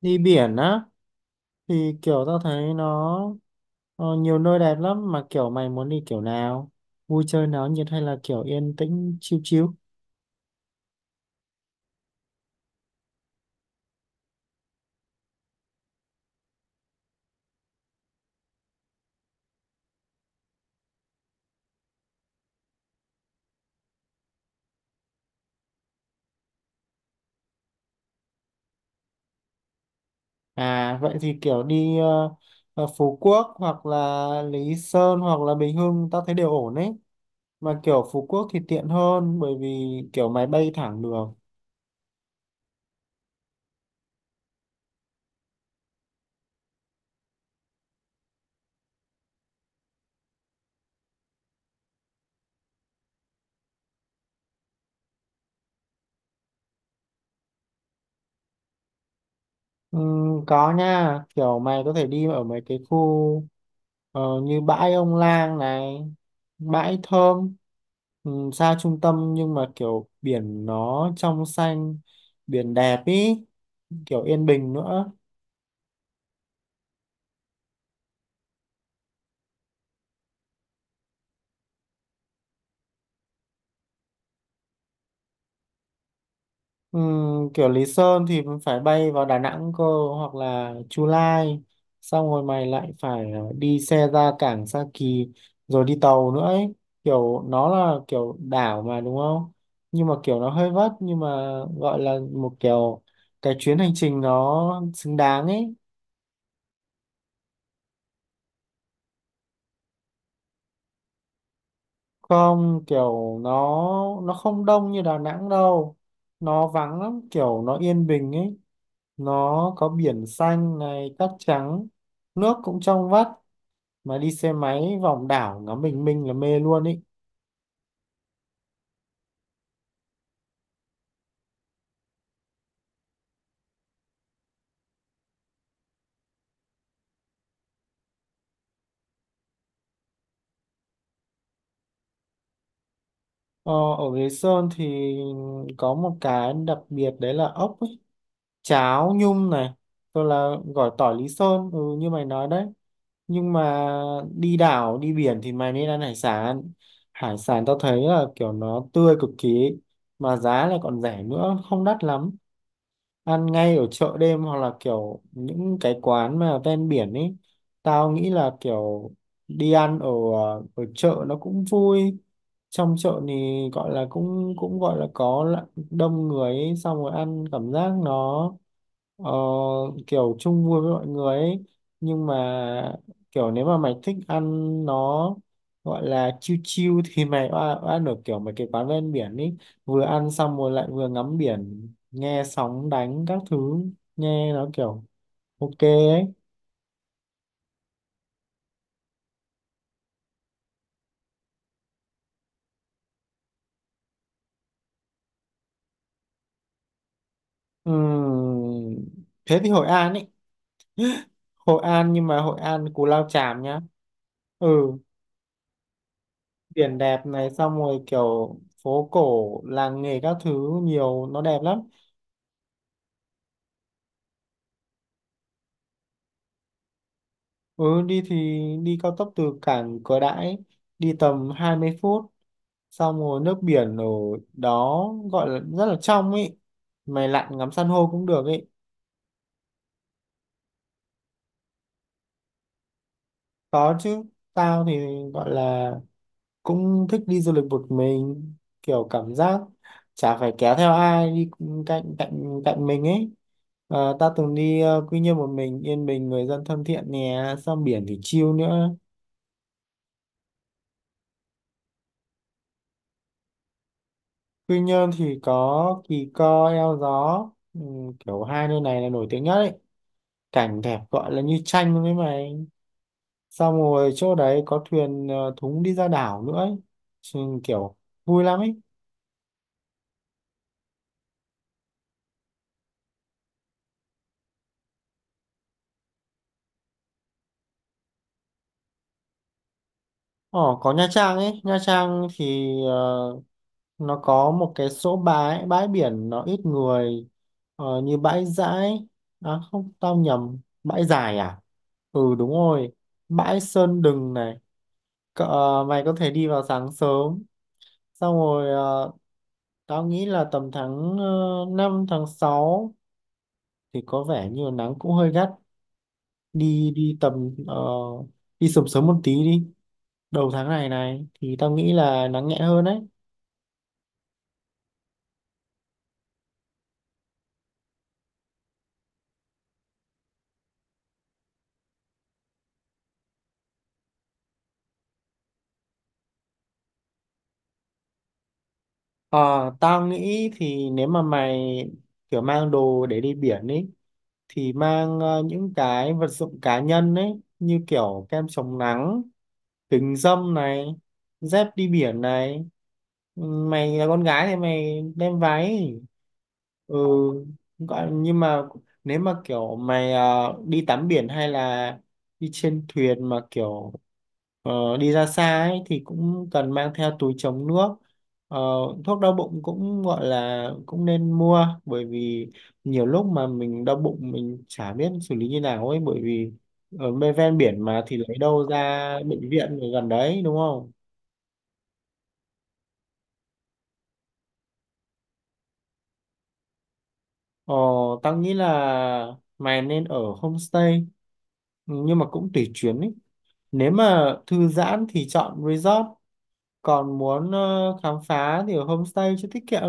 Đi biển á thì kiểu tao thấy nó nhiều nơi đẹp lắm, mà kiểu mày muốn đi kiểu nào, vui chơi náo nhiệt hay là kiểu yên tĩnh chill chill? À vậy thì kiểu đi Phú Quốc hoặc là Lý Sơn hoặc là Bình Hưng, tao thấy đều ổn ấy. Mà kiểu Phú Quốc thì tiện hơn, bởi vì kiểu máy bay thẳng được. Ừ, có nha, kiểu mày có thể đi ở mấy cái khu như bãi Ông Lang này, bãi Thơm. Ừ, xa trung tâm nhưng mà kiểu biển nó trong xanh, biển đẹp ý, kiểu yên bình nữa. Ừ, kiểu Lý Sơn thì mình phải bay vào Đà Nẵng cơ, hoặc là Chu Lai, xong rồi mày lại phải đi xe ra cảng Sa Kỳ, rồi đi tàu nữa ấy. Kiểu nó là kiểu đảo mà, đúng không? Nhưng mà kiểu nó hơi vất, nhưng mà gọi là một kiểu cái chuyến hành trình nó xứng đáng ấy. Không kiểu nó không đông như Đà Nẵng đâu. Nó vắng lắm, kiểu nó yên bình ấy. Nó có biển xanh này, cát trắng, nước cũng trong vắt, mà đi xe máy vòng đảo ngắm bình minh là mê luôn ý. ờ, Ở Lý Sơn thì có một cái đặc biệt đấy là ốc ấy, cháo nhum này, tôi là gỏi tỏi Lý Sơn, ừ, như mày nói đấy. Nhưng mà đi đảo đi biển thì mày nên ăn hải sản. Hải sản tao thấy là kiểu nó tươi cực kỳ ấy, mà giá lại còn rẻ nữa, không đắt lắm. Ăn ngay ở chợ đêm hoặc là kiểu những cái quán mà ven biển ấy. Tao nghĩ là kiểu đi ăn ở ở chợ nó cũng vui. Trong chợ thì gọi là cũng cũng gọi là có đông người ấy, xong rồi ăn cảm giác nó Ờ, kiểu chung vui với mọi người ấy. Nhưng mà kiểu nếu mà mày thích ăn nó gọi là chill chill thì mày ăn ở kiểu mấy cái quán ven biển ấy, vừa ăn xong rồi lại vừa ngắm biển nghe sóng đánh các thứ, nghe nó kiểu ok ấy. Ừm, Thế thì Hội An ấy. Hội An, nhưng mà Hội An Cù Lao Chàm nhá. Ừ, biển đẹp này, xong rồi kiểu phố cổ làng nghề các thứ, nhiều nó đẹp lắm. Ừ, đi thì đi cao tốc từ cảng Cửa Đãi, đi tầm 20 phút, xong rồi nước biển ở đó gọi là rất là trong ấy, mày lặn ngắm san hô cũng được ấy. Có chứ, tao thì gọi là cũng thích đi du lịch một mình. Kiểu cảm giác chả phải kéo theo ai đi cạnh cạnh cạnh mình ấy. Tao từng đi Quy Nhơn một mình, yên bình, người dân thân thiện nè, xong biển thì chill nữa. Quy Nhơn thì có Kỳ Co, Eo Gió, ừ, kiểu hai nơi này là nổi tiếng nhất ấy. Cảnh đẹp gọi là như tranh với mày. Xong rồi chỗ đấy có thuyền thúng đi ra đảo nữa ấy. Chứ. Kiểu vui lắm ấy. Ờ, có Nha Trang ấy. Nha Trang thì nó có một cái số bãi bãi biển nó ít người, như bãi Dãi, à không, tao nhầm, bãi Dài à? Ừ đúng rồi, bãi Sơn Đừng này. Cỡ, mày có thể đi vào sáng sớm, xong rồi tao nghĩ là tầm tháng 5, tháng 6 thì có vẻ như là nắng cũng hơi gắt. Đi đi tầm ờ, đi sớm sớm một tí đi, đầu tháng này này thì tao nghĩ là nắng nhẹ hơn đấy. Ờ, tao nghĩ thì nếu mà mày kiểu mang đồ để đi biển ấy thì mang những cái vật dụng cá nhân ấy, như kiểu kem chống nắng, kính râm này, dép đi biển này. Ừ, mày là con gái thì mày đem váy. Ừ, nhưng mà nếu mà kiểu mày đi tắm biển hay là đi trên thuyền mà kiểu đi ra xa ấy, thì cũng cần mang theo túi chống nước. Ờ, thuốc đau bụng cũng gọi là cũng nên mua, bởi vì nhiều lúc mà mình đau bụng mình chả biết xử lý như nào ấy, bởi vì ở bên ven biển mà thì lấy đâu ra bệnh viện ở gần đấy, đúng không? Ờ, tao nghĩ là mày nên ở homestay, nhưng mà cũng tùy chuyến ấy. Nếu mà thư giãn thì chọn resort, còn muốn khám phá thì ở homestay cho tiết kiệm.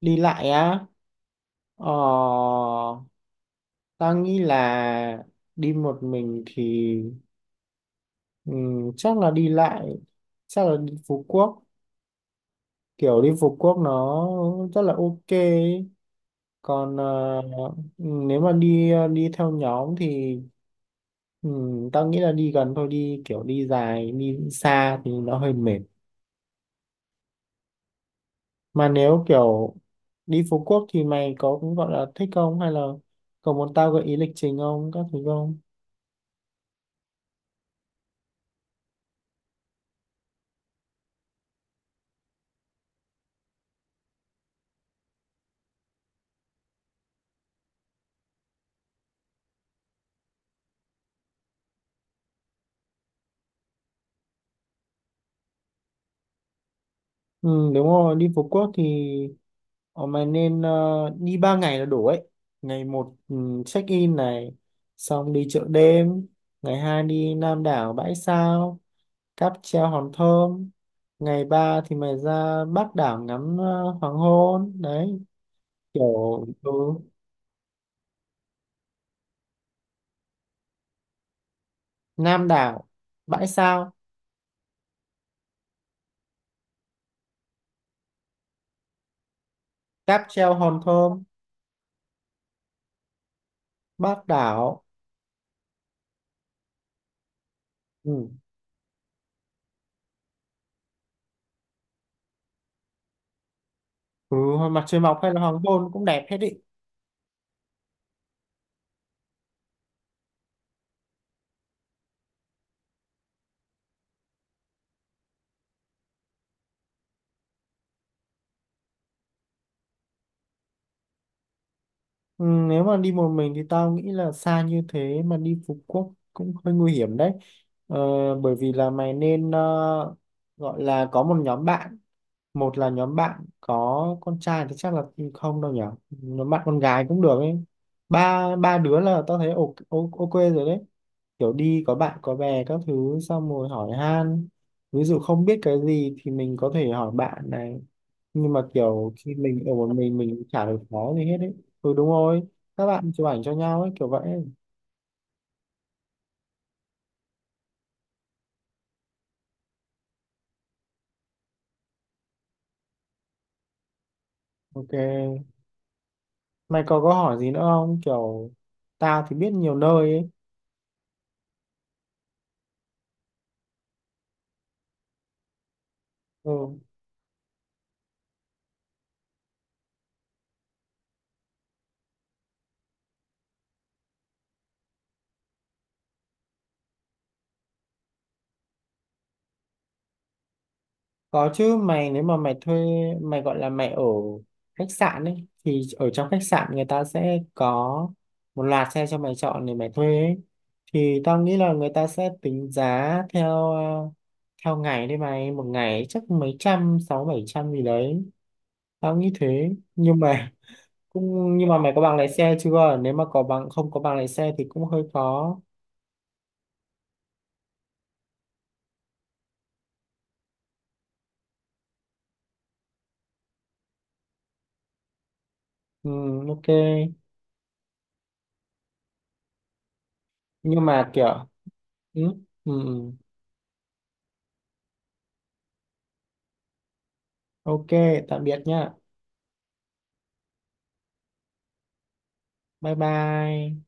Đi lại á? ờ, Ta nghĩ là đi một mình thì chắc là đi lại, chắc là đi Phú Quốc. Kiểu đi Phú Quốc nó rất là ok ấy. Còn nếu mà đi theo nhóm thì ta nghĩ là đi gần thôi, đi kiểu đi dài, đi xa thì nó hơi mệt. Mà nếu kiểu đi Phú Quốc thì mày có cũng gọi là thích không, hay là có muốn tao gợi ý lịch trình không các thứ không? Ừ, đúng rồi. Đi Phú Quốc thì ờ, mày nên đi 3 ngày là đủ ấy. Ngày một, ừ, check in này, xong đi chợ đêm. Ngày hai đi Nam đảo, Bãi Sao, cáp treo Hòn Thơm. Ngày ba thì mày ra Bắc đảo ngắm hoàng hôn đấy, kiểu. Ừ, Nam đảo, Bãi Sao, cáp treo Hòn Thơm, Bác đảo. Ừ. Ừ, mặt trời mọc hay là hoàng hôn cũng đẹp hết ý. Ừ, nếu mà đi một mình thì tao nghĩ là xa như thế mà đi Phú Quốc cũng hơi nguy hiểm đấy. ờ, Bởi vì là mày nên gọi là có một nhóm bạn. Một là nhóm bạn có con trai thì chắc là không đâu nhỉ. Nhóm bạn con gái cũng được ấy, ba ba đứa là tao thấy ok ok rồi đấy. Kiểu đi có bạn có bè các thứ, xong rồi hỏi han, ví dụ không biết cái gì thì mình có thể hỏi bạn này, nhưng mà kiểu khi mình ở một mình chả đối phó gì hết đấy. Ừ đúng rồi, các bạn chụp ảnh cho nhau ấy, kiểu vậy. Ok, mày có hỏi gì nữa không, kiểu tao thì biết nhiều nơi ấy. Ừ. Có chứ mày. Nếu mà mày thuê, mày gọi là mày ở khách sạn ấy, thì ở trong khách sạn người ta sẽ có một loạt xe cho mày chọn để mày thuê ấy. Thì tao nghĩ là người ta sẽ tính giá theo theo ngày đấy. Mày một ngày chắc mấy trăm, sáu bảy trăm gì đấy, tao nghĩ thế. Nhưng mà cũng nhưng mà mày có bằng lái xe chưa? Nếu mà có bằng, không có bằng lái xe thì cũng hơi khó. Ừ, ok. Nhưng mà kiểu ừ, ừ, ừ. Ok, tạm biệt nhá. Bye bye.